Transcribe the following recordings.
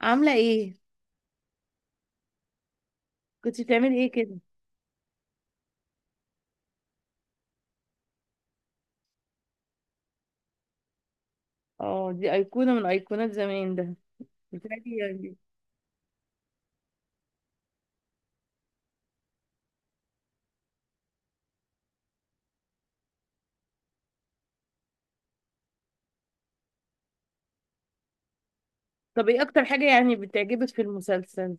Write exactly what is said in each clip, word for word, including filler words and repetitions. عاملة ايه؟ كنت بتعملي ايه كده؟ اه، دي أيقونة من أيقونات زمان ده. بتهيألي يعني. طب ايه أكتر حاجة يعني بتعجبك في المسلسل؟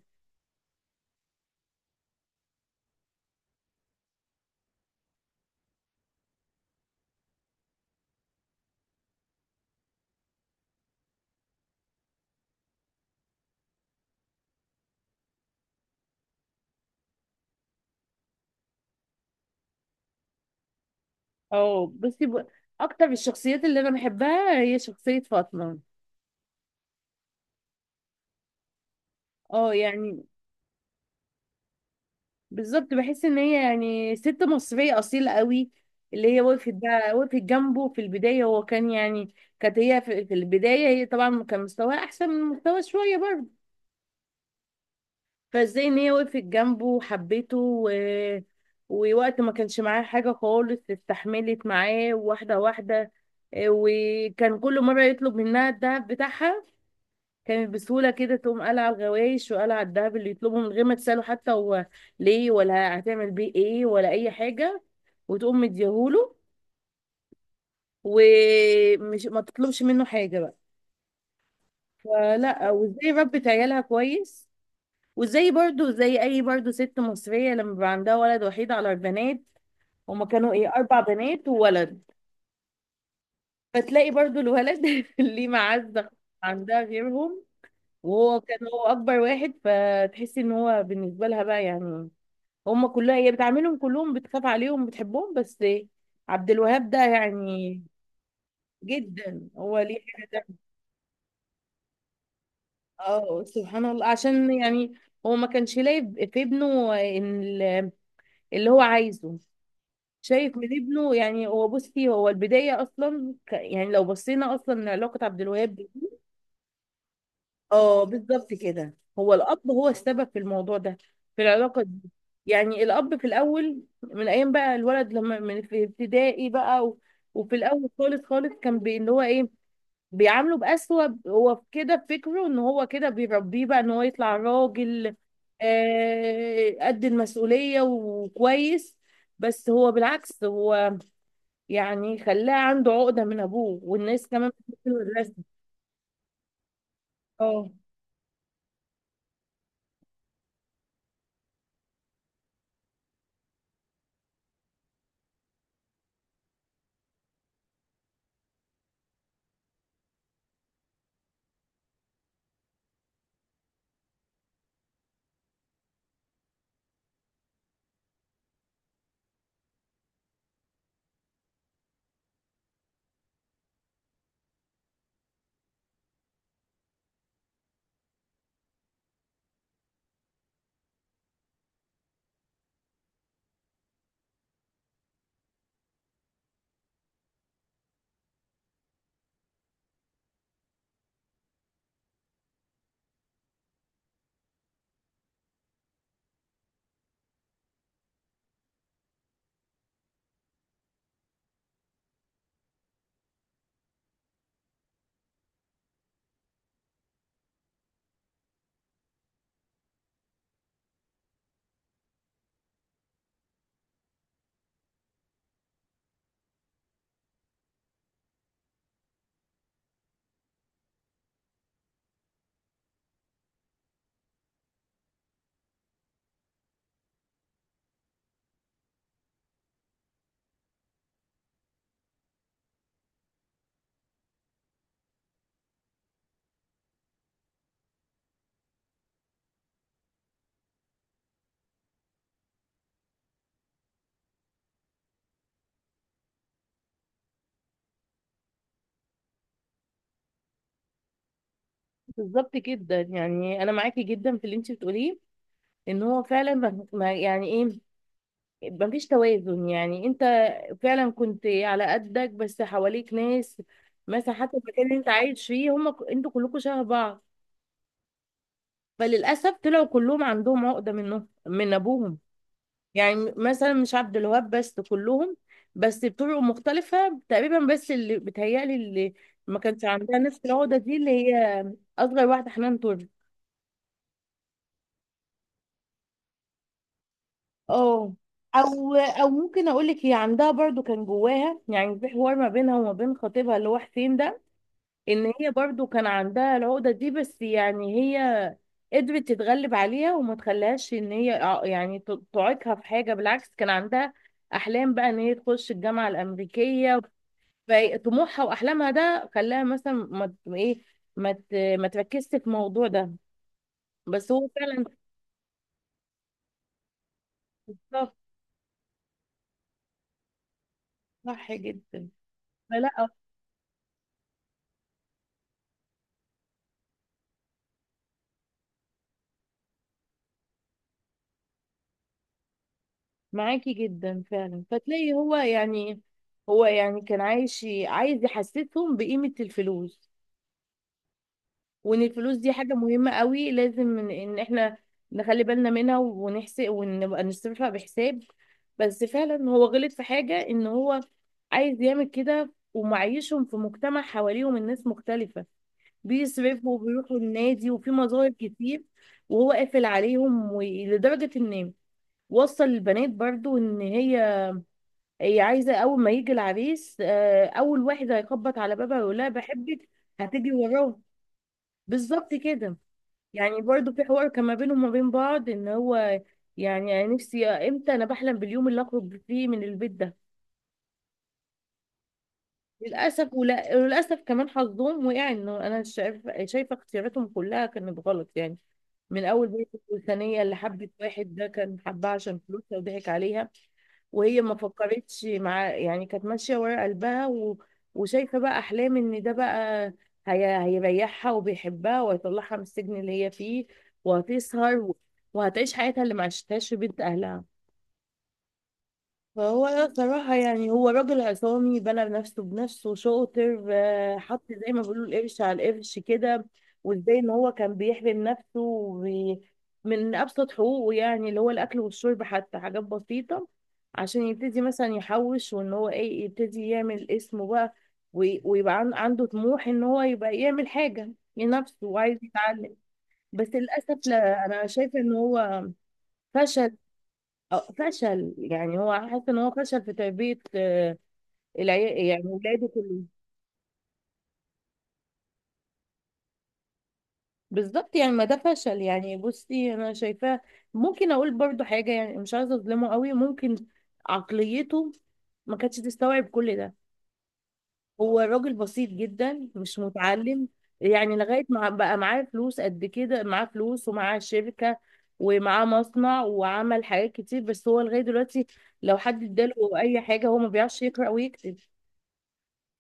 اه بصي ب... أكتر الشخصيات اللي أنا بحبها هي شخصية فاطمة. اه يعني. بالظبط، بحس إن هي يعني ست مصرية أصيلة قوي. اللي هي وقفت بقى وقفت جنبه في البداية، هو كان يعني كانت هي في, في البداية، هي طبعا كان مستواها أحسن من مستوى شوية برضه. فازاي ان هي وقفت جنبه وحبته، و... ووقت ما كانش معاه حاجة خالص استحملت معاه واحدة واحدة. إيه، وكان كل مرة يطلب منها الدهب بتاعها، كانت بسهولة كده تقوم قالعة على الغوايش وقالعة على الدهب اللي يطلبه من غير ما تسأله حتى هو ليه ولا هتعمل بيه ايه ولا أي حاجة، وتقوم مديهوله، ومش ما تطلبش منه حاجة بقى. فلا، وازاي ربت عيالها كويس. وزي برضو زي اي برضو ست مصرية لما بيبقى عندها ولد وحيد على البنات، هما كانوا ايه، اربع بنات وولد. فتلاقي برضو الولد ليه معزة عندها غيرهم. وهو كان هو اكبر واحد، فتحسي ان هو بالنسبة لها بقى يعني هما كلها، هي بتعاملهم كلهم، بتخاف عليهم بتحبهم، بس عبد الوهاب ده يعني جدا هو ليه حاجة. اه، سبحان الله، عشان يعني هو ما كانش لاقي في ابنه ان ال- اللي هو عايزه، شايف من ابنه. يعني هو بصي، هو البداية أصلا ك- يعني لو بصينا أصلا لعلاقة عبد الوهاب دي- اه بالظبط كده، هو الأب هو السبب في الموضوع ده، في العلاقة دي. يعني الأب في الأول من أيام بقى الولد لما من في ابتدائي بقى، و... وفي الأول خالص خالص كان بي... اللي هو إيه، بيعامله بأسوأ. هو كده في فكره إن هو كده بيربيه بقى إن هو يطلع راجل آه... قد المسؤولية وكويس، بس هو بالعكس هو يعني خلاه عنده عقدة من أبوه، والناس كمان بتحبه الرسم. اه بالظبط جدا، يعني أنا معاكي جدا في اللي أنت بتقوليه. إن هو فعلا ما ما- يعني إيه، مفيش توازن. يعني أنت فعلا كنت على قدك، بس حواليك ناس، مثلا حتى المكان اللي أنت عايش فيه هم ك- أنتوا كلكم شبه بعض. فللأسف طلعوا كلهم عندهم عقدة منه، من أبوهم. يعني مثلا مش عبد الوهاب بس، كلهم، بس بطرق مختلفة تقريبا. بس اللي بتهيألي اللي ما كانش عندها نفس العقدة دي اللي هي أصغر واحدة، حنان ترك. اه. أو أو ممكن أقول لك، هي عندها برضو كان جواها، يعني في حوار ما بينها وما بين خطيبها اللي هو حسين ده، إن هي برضو كان عندها العقدة دي، بس يعني هي قدرت تتغلب عليها وما تخليهاش إن هي ع- يعني ت- تعيقها في حاجة. بالعكس كان عندها أحلام بقى إن هي تخش الجامعة الأمريكية. فطموحها واحلامها ده خلاها مثلا ما ما ايه، ما ت- ما تركزش في الموضوع ده. بس هو فعلا. صح، صح جدا. فلا، معاكي جدا فعلا. فتلاقي هو يعني هو يعني كان عايش عايز يحسسهم بقيمة الفلوس، وان الفلوس دي حاجة مهمة قوي، لازم ان إن احنا نخلي بالنا منها ونحسب ونبقى نصرفها بحساب. بس فعلا هو غلط في حاجة، ان هو عايز يعمل كده ومعيشهم في مجتمع حواليهم الناس مختلفة، بيصرفوا وبيروحوا النادي وفي مظاهر كتير، وهو قافل عليهم. ولدرجة ان وصل البنات برضو، ان هي هي عايزة اول ما يجي العريس آه، اول واحد هيخبط على بابها يقول لها بحبك هتيجي وراه، بالظبط كده. يعني برضو في حوار كان ما بينهم وما بين بعض، ان هو يعني أنا نفسي آه، امتى انا بحلم باليوم اللي اخرج فيه من البيت ده. للاسف ولا- وللاسف كمان حظهم وقع انه، انا شايفه شايفه اختياراتهم كلها كانت غلط يعني. من اول بيت الثانيه اللي حبت واحد ده كان حبها عشان فلوسها وضحك عليها، وهي ما فكرتش مع، يعني كانت ماشيه ورا قلبها، و... وشايفه بقى احلام ان ده بقى هي... هيريحها وبيحبها وهيطلعها من السجن اللي هي فيه، وهتسهر، و... وهتعيش حياتها اللي ما عشتهاش في بيت اهلها. فهو صراحة يعني هو راجل عصامي بنى نفسه بنفسه، شاطر، آه، حط زي ما بيقولوا القرش على القرش كده. وازاي ان هو كان بيحرم نفسه وبي- من ابسط حقوقه، يعني اللي هو الاكل والشرب، حتى حاجات بسيطة، عشان يبتدي مثلا يحوش وان هو ايه، يبتدي يعمل اسمه بقى، وي- ويبقى عن- عنده طموح ان هو يبقى يعمل حاجة لنفسه وعايز يتعلم. بس للأسف لا، أنا شايفة إن هو فشل. آه، فشل يعني هو حاسس ان هو فشل في تربية آه، العيال، يعني ولاده كلهم. بالظبط، يعني ما ده فشل يعني، بصي انا شايفاه. ممكن اقول برضو حاجة، يعني مش عايزة اظلمه قوي، ممكن عقليته ما كانتش تستوعب كل ده. هو راجل بسيط جدا، مش متعلم. يعني لغاية ما بقى معاه فلوس قد كده، معاه فلوس ومعاه شركة ومعاه مصنع وعمل حاجات كتير، بس هو لغاية دلوقتي لو حد اداله اي حاجة هو ما بيعرفش يقرأ ويكتب.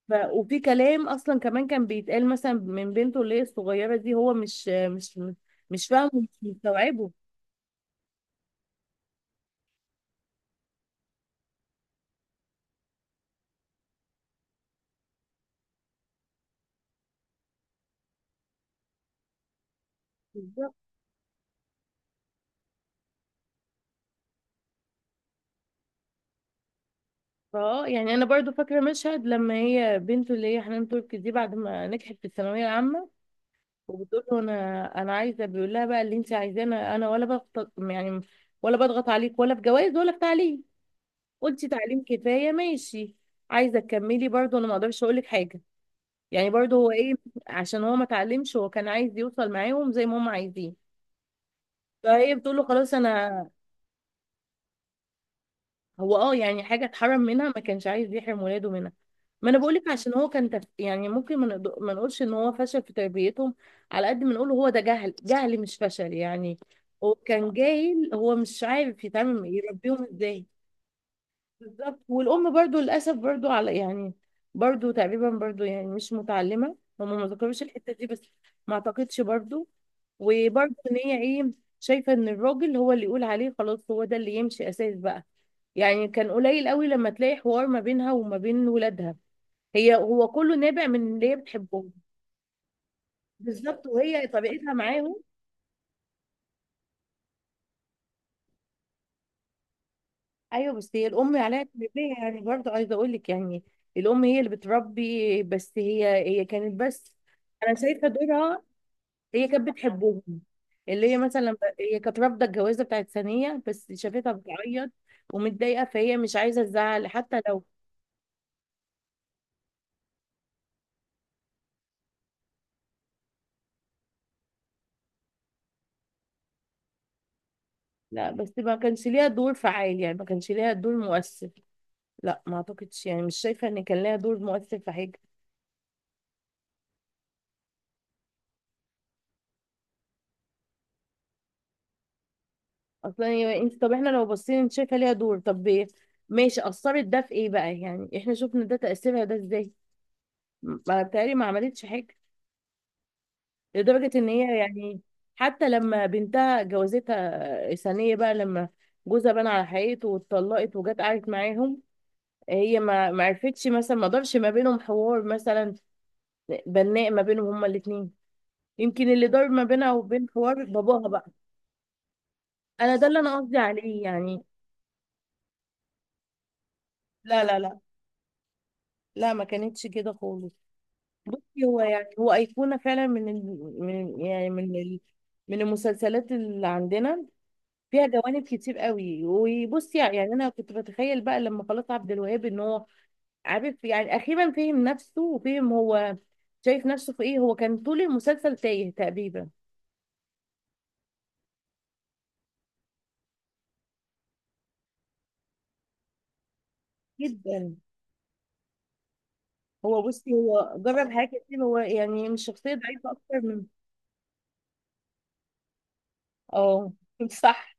ف... وفي كلام اصلا كمان كان بيتقال مثلا من بنته اللي هي الصغيره دي، هو مش مش مش فاهمه ومش مستوعبه. بالظبط. اه يعني انا برضو فاكره مشهد لما هي بنته اللي هي حنان تركي دي بعد ما نجحت في الثانويه العامه، وبتقول له انا انا عايزه، بيقول لها بقى اللي انت عايزاه، انا ولا بضغط يعني، ولا بضغط عليك، ولا في جواز، ولا في تعليم. قلتي تعليم كفايه، ماشي. عايزه تكملي برضو، انا ما اقدرش اقول لك حاجه. يعني برضو هو ايه، عشان هو ما اتعلمش، هو كان عايز يوصل معاهم زي ما هم عايزين. فهي بتقول له خلاص انا. هو اه يعني حاجه اتحرم منها ما كانش عايز يحرم ولاده منها. ما انا بقول لك، عشان هو كان تف... يعني ممكن ما نقد- ما نقولش ان هو فشل في تربيتهم، على قد ما نقول هو ده جهل، جهل مش فشل يعني. هو كان جاهل، هو مش عارف يتعامل يربيهم ازاي. بالظبط. والام برضو للاسف برضو على يعني برضو تقريبا برضو يعني مش متعلمه، هم ما ذكروش الحته دي، بس ما اعتقدش برضو. وبرضو ان هي ايه، شايفه ان الراجل هو اللي يقول عليه خلاص هو ده اللي يمشي اساس بقى. يعني كان قليل قوي لما تلاقي حوار ما بينها وما بين ولادها. هي هو كله نابع من اللي هي بتحبهم. بالظبط، وهي طريقتها معاهم. ايوه، بس هي الام عليها تربيه، يعني برضه عايزه اقول لك يعني، الام هي اللي بتربي، بس هي هي كانت بس انا شايفه دورها، هي كانت بتحبهم. اللي هي مثلا لما- هي كانت رافضه الجوازه بتاعت ثانيه، بس شافتها بتعيط ومتضايقه، فهي مش عايزه تزعل حتى لو. لا، بس ما كانش ليها دور فعال، يعني ما كانش ليها دور مؤثر. لا ما اعتقدش، يعني مش شايفه ان كان ليها دور مؤثر في حاجه اصلا. يعني انت طب احنا لو بصينا، انت شايفه ليها دور، طب إيه؟ ماشي، اثرت ده في ايه بقى، يعني احنا شفنا ده تاثيرها ده ازاي. ما بتهيألي ما عملتش حاجه، لدرجه ان هي يعني حتى لما بنتها جوازتها ثانيه بقى، لما جوزها بان على حقيقته واتطلقت وجت قعدت معاهم، هي ما ما عرفتش مثلا، ما دارش ما بينهم حوار مثلا، بناء ما بينهم هما الاثنين. يمكن اللي دار ما بينها وبين حوار باباها بقى. انا ده اللي انا قصدي عليه يعني. لا لا لا. لا، ما كانتش كده خالص. بصي هو يعني هو أيقونة فعلا من ال... من يعني من ال... من المسلسلات اللي عندنا، فيها جوانب كتير قوي. وبصي يعني، أنا كنت بتخيل بقى لما خلاص عبد الوهاب إن هو عارف يعني أخيرا فهم نفسه، وفهم هو شايف نفسه في إيه. هو كان طول المسلسل تايه تقريبا. جدا. هو بصي هو جرب حاجات كتير، هو يعني مش شخصية ضعيفة أكتر من. اه. صح.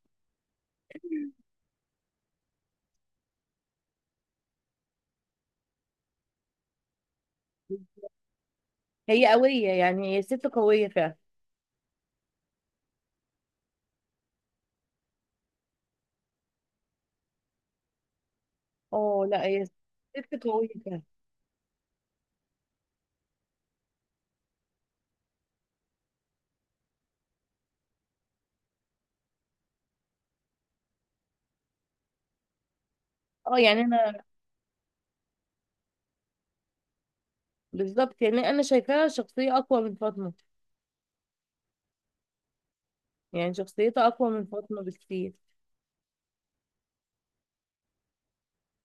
هي قوية، يعني هي ست قوية فعلا. اه لا، هي ست قوية فعلا. اه يعني انا. بالظبط، يعني انا شايفاها شخصيه اقوى من فاطمه، يعني شخصيتها اقوى من فاطمه بكتير.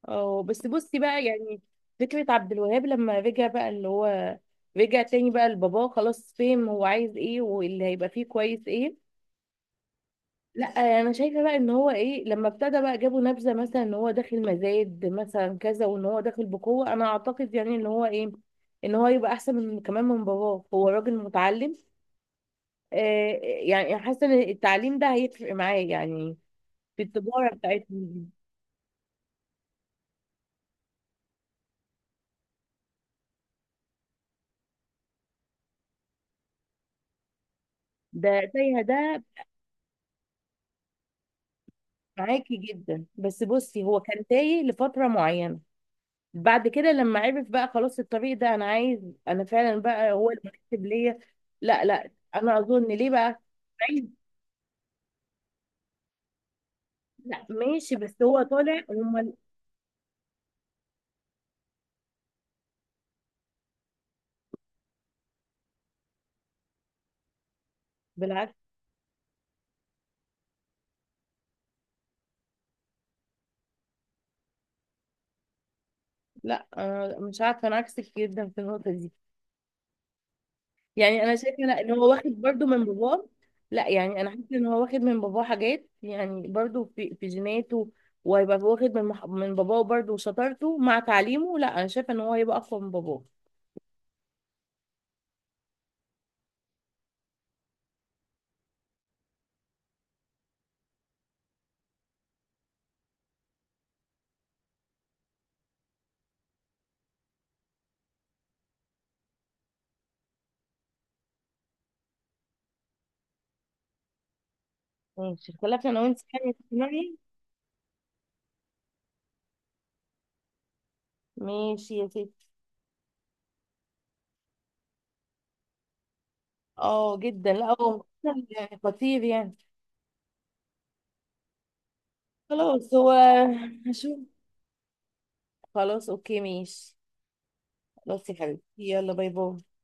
اه، بس بصي بقى يعني فكره عبد الوهاب لما رجع بقى اللي هو رجع تاني بقى لباباه، خلاص فهم هو عايز ايه واللي هيبقى فيه كويس ايه. لا، انا شايفه بقى ان هو ايه، لما ابتدى بقى جابوا نبذه مثلا ان هو داخل مزايد مثلا كذا وان هو داخل بقوه، انا اعتقد يعني ان هو ايه، ان هو يبقى احسن من كمان من باباه. هو راجل متعلم، آه، يعني حاسه ان التعليم ده هيفرق معاه يعني، في التجارة بتاعتهم دي. ده تايهة ده. معاكي جدا، بس بصي هو كان تايه لفترة معينة، بعد كده لما عرف بقى خلاص الطريق ده انا عايز، انا فعلا بقى هو المناسب ليا. لا لا، انا اظن ليه بقى عايز. لا ماشي، بس هو طالع هم. بالعكس. لا أنا مش عارفة، انا عكسك جدا في النقطة دي. يعني انا شايفه لا، ان هو واخد برضو من باباه. لا يعني انا حاسه ان هو واخد من باباه حاجات يعني برضو في في جيناته، وهيبقى واخد من مح- من باباه برضو وشطارته مع تعليمه. لا، انا شايفه ان هو هيبقى اقوى من باباه. ماشي، اختلفنا انا وانت، يعني تقنعني. ماشي يا ستي. اه جدا، لا هو يعني خطير يعني. خلاص هو، هشوف. خلاص اوكي ماشي. خلاص يا حبيبتي، يلا باي باي.